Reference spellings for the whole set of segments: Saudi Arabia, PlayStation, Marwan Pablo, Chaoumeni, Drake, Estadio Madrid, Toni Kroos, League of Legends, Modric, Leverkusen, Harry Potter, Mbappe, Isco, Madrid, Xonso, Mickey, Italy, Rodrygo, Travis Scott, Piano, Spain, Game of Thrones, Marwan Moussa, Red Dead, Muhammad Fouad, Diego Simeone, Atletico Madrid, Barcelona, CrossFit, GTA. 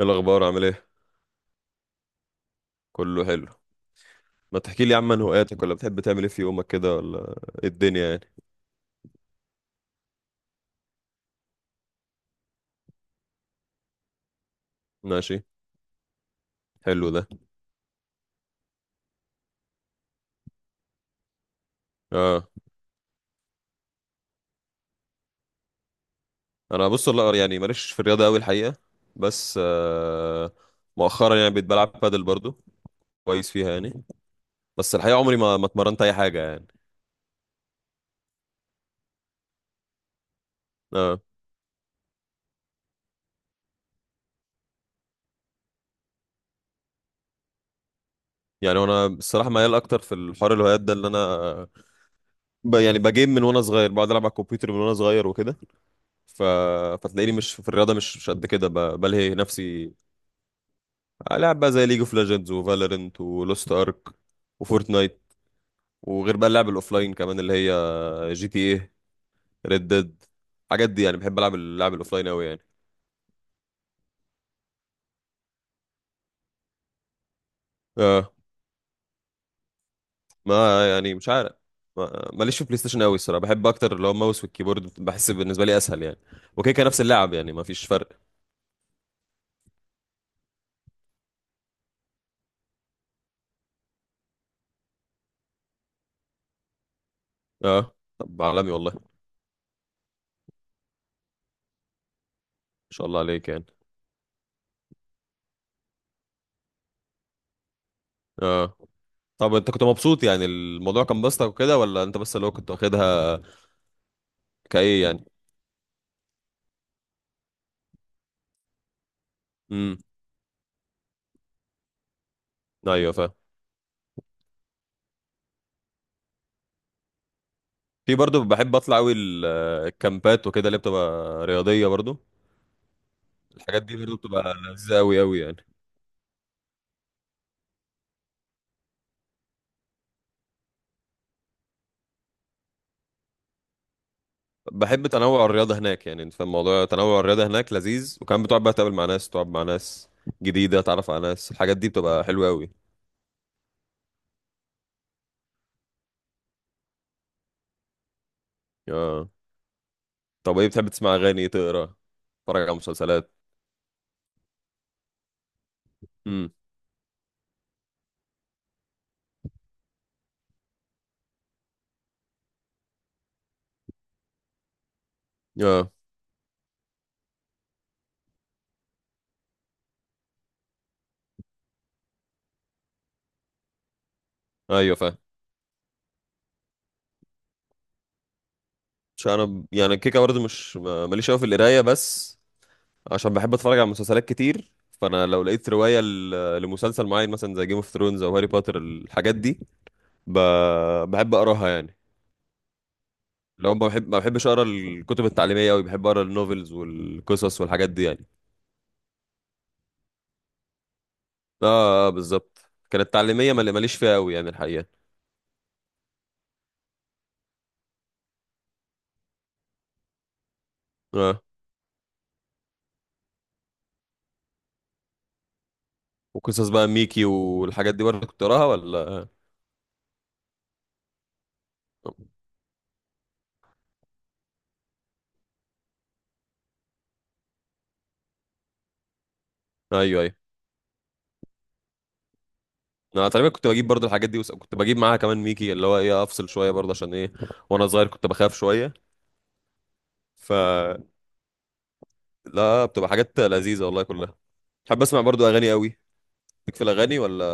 ايه الاخبار عامل ايه؟ كله حلو. ما تحكي لي يا عم عن هواياتك، ولا بتحب تعمل ايه في يومك كده، ولا ايه الدنيا يعني؟ ماشي. حلو ده. اه، انا بص، والله يعني ماليش في الرياضه قوي الحقيقه. بس مؤخرا يعني بقيت بلعب بادل برضو. كويس فيها يعني. بس الحقيقه عمري ما اتمرنت اي حاجه يعني. اه، يعني انا الصراحه ميال اكتر في الحوار الهوايات ده اللي انا يعني بجيم من وانا صغير، بقعد العب على الكمبيوتر من وانا صغير وكده. ف... فتلاقيني مش في الرياضه، مش قد كده، بلهي نفسي. لعب بقى زي ليج اوف ليجندز وفالورنت ولوست ارك وفورتنايت. وغير بقى اللعب الاوفلاين كمان، اللي هي جي تي ايه، ريد ديد، الحاجات دي يعني. بحب العب اللعب الاوفلاين قوي يعني. اه، ما يعني مش عارف. ماليش في بلاي ستيشن قوي الصراحه. بحب اكتر اللي هو الماوس والكيبورد، بحس بالنسبه لي اسهل يعني. وكيكه نفس اللعب، يعني ما فيش فرق. اه طب عالمي، والله ما شاء الله عليك يعني. اه، طب انت كنت مبسوط يعني الموضوع كان بسطك وكده، ولا انت بس اللي هو كنت واخدها كايه يعني؟ امم، ايوه فاهم. في برضو بحب اطلع قوي الكامبات وكده اللي بتبقى رياضيه برضو. الحاجات دي برضو بتبقى لذيذه قوي قوي يعني. بحب تنوع الرياضه هناك يعني، انت فاهم موضوع تنوع الرياضه هناك لذيذ، وكمان بتقعد بقى تقابل مع ناس، تقعد مع ناس جديده، تعرف على ناس، الحاجات دي بتبقى حلوه قوي. اه، طب ايه بتحب تسمع اغاني، تقرا، تتفرج على مسلسلات؟ امم. اه، ايوه فاهم. مش انا يعني كيكه برضو، مش ماليش قوي في القرايه، بس عشان بحب اتفرج على مسلسلات كتير. فانا لو لقيت روايه لمسلسل معين مثلا زي جيم اوف ثرونز او هاري بوتر، الحاجات دي ب... بحب اقراها يعني. لو ما بحبش اقرا الكتب التعليميه قوي، بحب اقرا النوفلز والقصص والحاجات دي يعني. اه، آه بالظبط. كانت تعليميه، ماليش فيها قوي يعني الحقيقه. اه، وقصص بقى ميكي والحاجات دي برضه كنت اقراها ولا؟ ايوه، ايوه، انا تقريبا كنت بجيب برضه الحاجات دي، وكنت بجيب معاها كمان ميكي، اللي هو ايه افصل شويه برضه، عشان ايه وانا صغير كنت بخاف شويه. ف لا، بتبقى حاجات لذيذة والله كلها. بحب اسمع برضو اغاني قوي. ليك في الاغاني ولا؟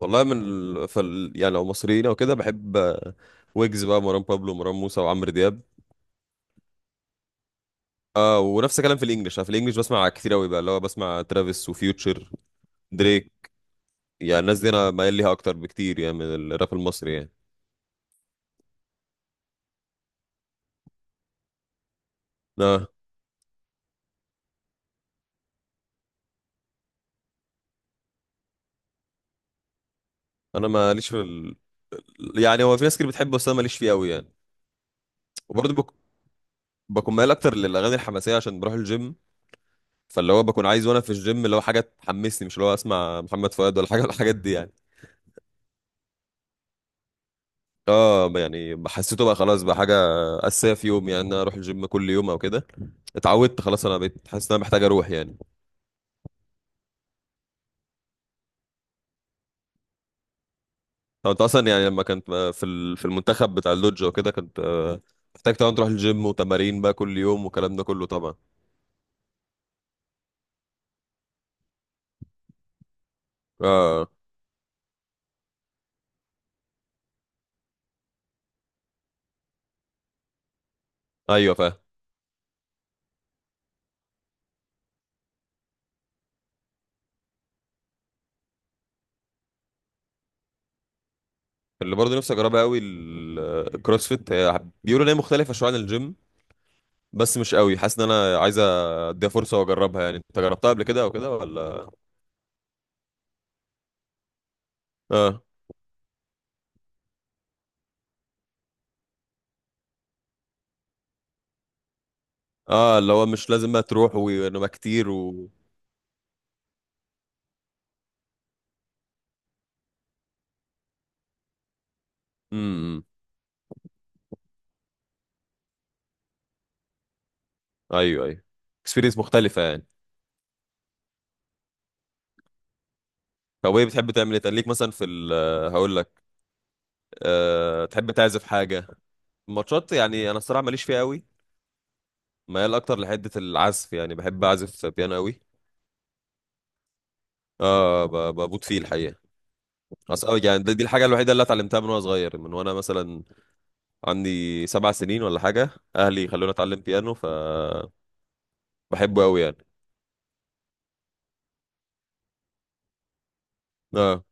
والله يعني لو مصريين او كده بحب، ويجز بقى، مروان بابلو، مروان موسى، وعمرو دياب. اه، ونفس الكلام في الانجليش. أنا في الانجليش بسمع كتير قوي، بقى اللي هو بسمع ترافيس وفيوتشر، دريك. يعني الناس دي انا مايل ليها اكتر بكتير يعني من الراب المصري يعني. لا، انا ماليش في يعني هو في ناس كتير بتحبه بس انا ماليش فيه قوي يعني. وبرضه بك... بكون مايل اكتر للاغاني الحماسيه عشان بروح الجيم. فاللي هو بكون عايز وانا في الجيم اللي هو حاجه تحمسني، مش اللي هو اسمع محمد فؤاد ولا حاجه ولا الحاجات دي يعني. اه، يعني حسيته بقى خلاص بقى حاجه اساسيه في يوم، يعني إن انا اروح الجيم كل يوم او كده. اتعودت خلاص، انا بقيت حاسس ان انا محتاج اروح يعني. طب انت اصلا يعني لما كنت في في المنتخب بتاع اللودج وكده، كنت محتاج طبعا تروح الجيم وتمارين بقى كل يوم والكلام ده كله طبعا. اه، ايوه فاهم. اللي برضه نفسي اجربها قوي، الكروسفيت، هي بيقولوا ان هي مختلفه شويه عن الجيم. بس مش قوي حاسس ان انا عايز اديها فرصه واجربها يعني. انت جربتها قبل كده او كده ولا؟ اه، اه، اللي هو مش لازم بقى تروح وانما كتير و... امم. ايوه ايوه، اكسبيرينس مختلفه يعني. طب ايه بتحب تعمل ايه تاني؟ ليك مثلا في هقول لك، أه تحب تعزف حاجه؟ ماتشات يعني، انا الصراحه ماليش فيها قوي. ميال اكتر لحته العزف يعني، بحب اعزف بيانو قوي. اه، بموت فيه الحقيقه. اصل يعني دي الحاجه الوحيده اللي اتعلمتها من وانا صغير، من وانا مثلا عندي 7 سنين ولا حاجة. أهلي خلوني أتعلم بيانو فبحبه أوي يعني. اه،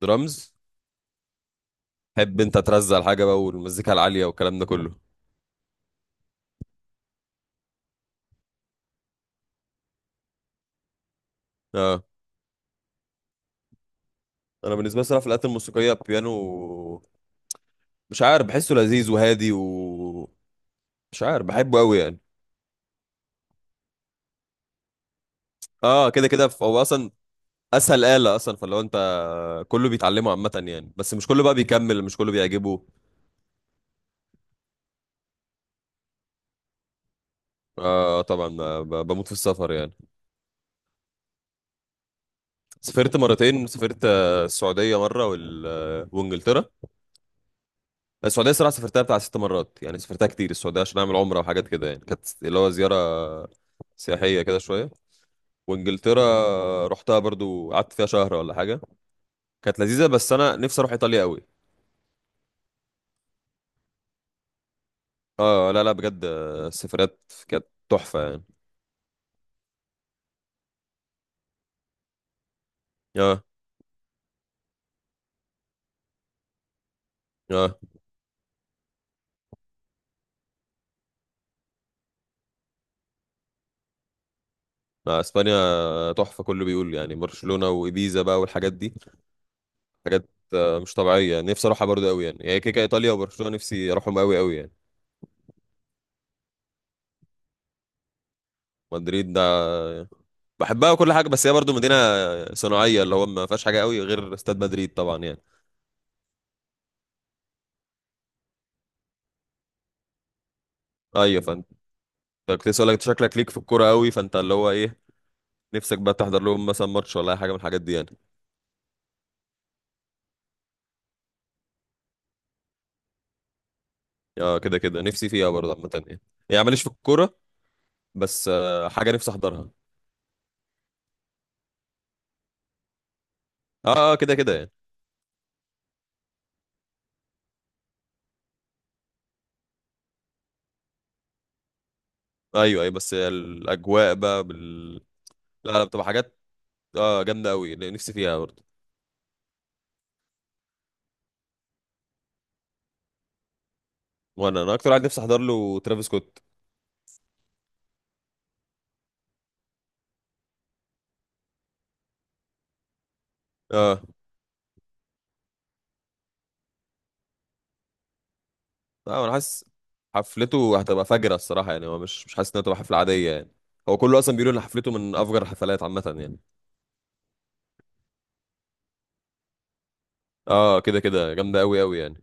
درامز. تحب أنت ترزع الحاجة بقى والمزيكا العالية والكلام ده كله. اه، أنا بالنسبة لي صراحة في الآلات الموسيقية البيانو، مش عارف بحسه لذيذ وهادي، و... مش عارف بحبه أوي يعني. اه كده كده، هو أصلا أسهل آلة أصلا، فلو أنت... كله بيتعلمه عامة يعني، بس مش كله بقى بيكمل، مش كله بيعجبه. اه طبعا، بموت في السفر يعني. سافرت مرتين، سافرت السعودية مرة وال... آه، وإنجلترا. السعوديه الصراحه سافرتها بتاع 6 مرات يعني، سافرتها كتير السعوديه عشان اعمل عمره وحاجات كده يعني، كانت اللي هو زياره سياحيه كده شويه. وانجلترا رحتها برضو، قعدت فيها شهر ولا حاجه، كانت لذيذه، بس انا نفسي اروح ايطاليا قوي. اه، لا لا بجد السفرات كانت تحفه يعني. اه اه، لا، اسبانيا تحفه كله بيقول يعني، برشلونه وابيزا بقى والحاجات دي، حاجات مش طبيعيه يعني. نفسي اروحها برضو قوي يعني، هي كيكه ايطاليا وبرشلونه نفسي اروحهم قوي قوي يعني. مدريد ده بحبها وكل حاجه، بس هي برضو مدينه صناعيه اللي هو ما فيهاش حاجه قوي غير استاد مدريد طبعا يعني. ايوه فانت، كنت لسه اقول لك شكلك ليك في الكوره قوي، فانت اللي هو ايه نفسك بقى تحضر لهم مثلا ماتش ولا اي حاجه من الحاجات دي يعني؟ اه كده كده نفسي فيها برضه عامه يعني، يعني ماليش في الكوره بس حاجه نفسي احضرها. اه، كده كده يعني. ايوه ايوه بس الاجواء بقى لا لا، بتبقى حاجات، اه، جامده قوي نفسي فيها برضه. وانا اكتر واحد نفسي احضر له ترافيس سكوت. اه، لا انا حاسس حفلته هتبقى فجرة الصراحة يعني، هو مش حاسس انها تبقى حفلة عادية يعني. هو كله اصلا بيقولوا ان حفلته من افجر الحفلات عامة يعني. اه كده كده جامدة قوي قوي يعني.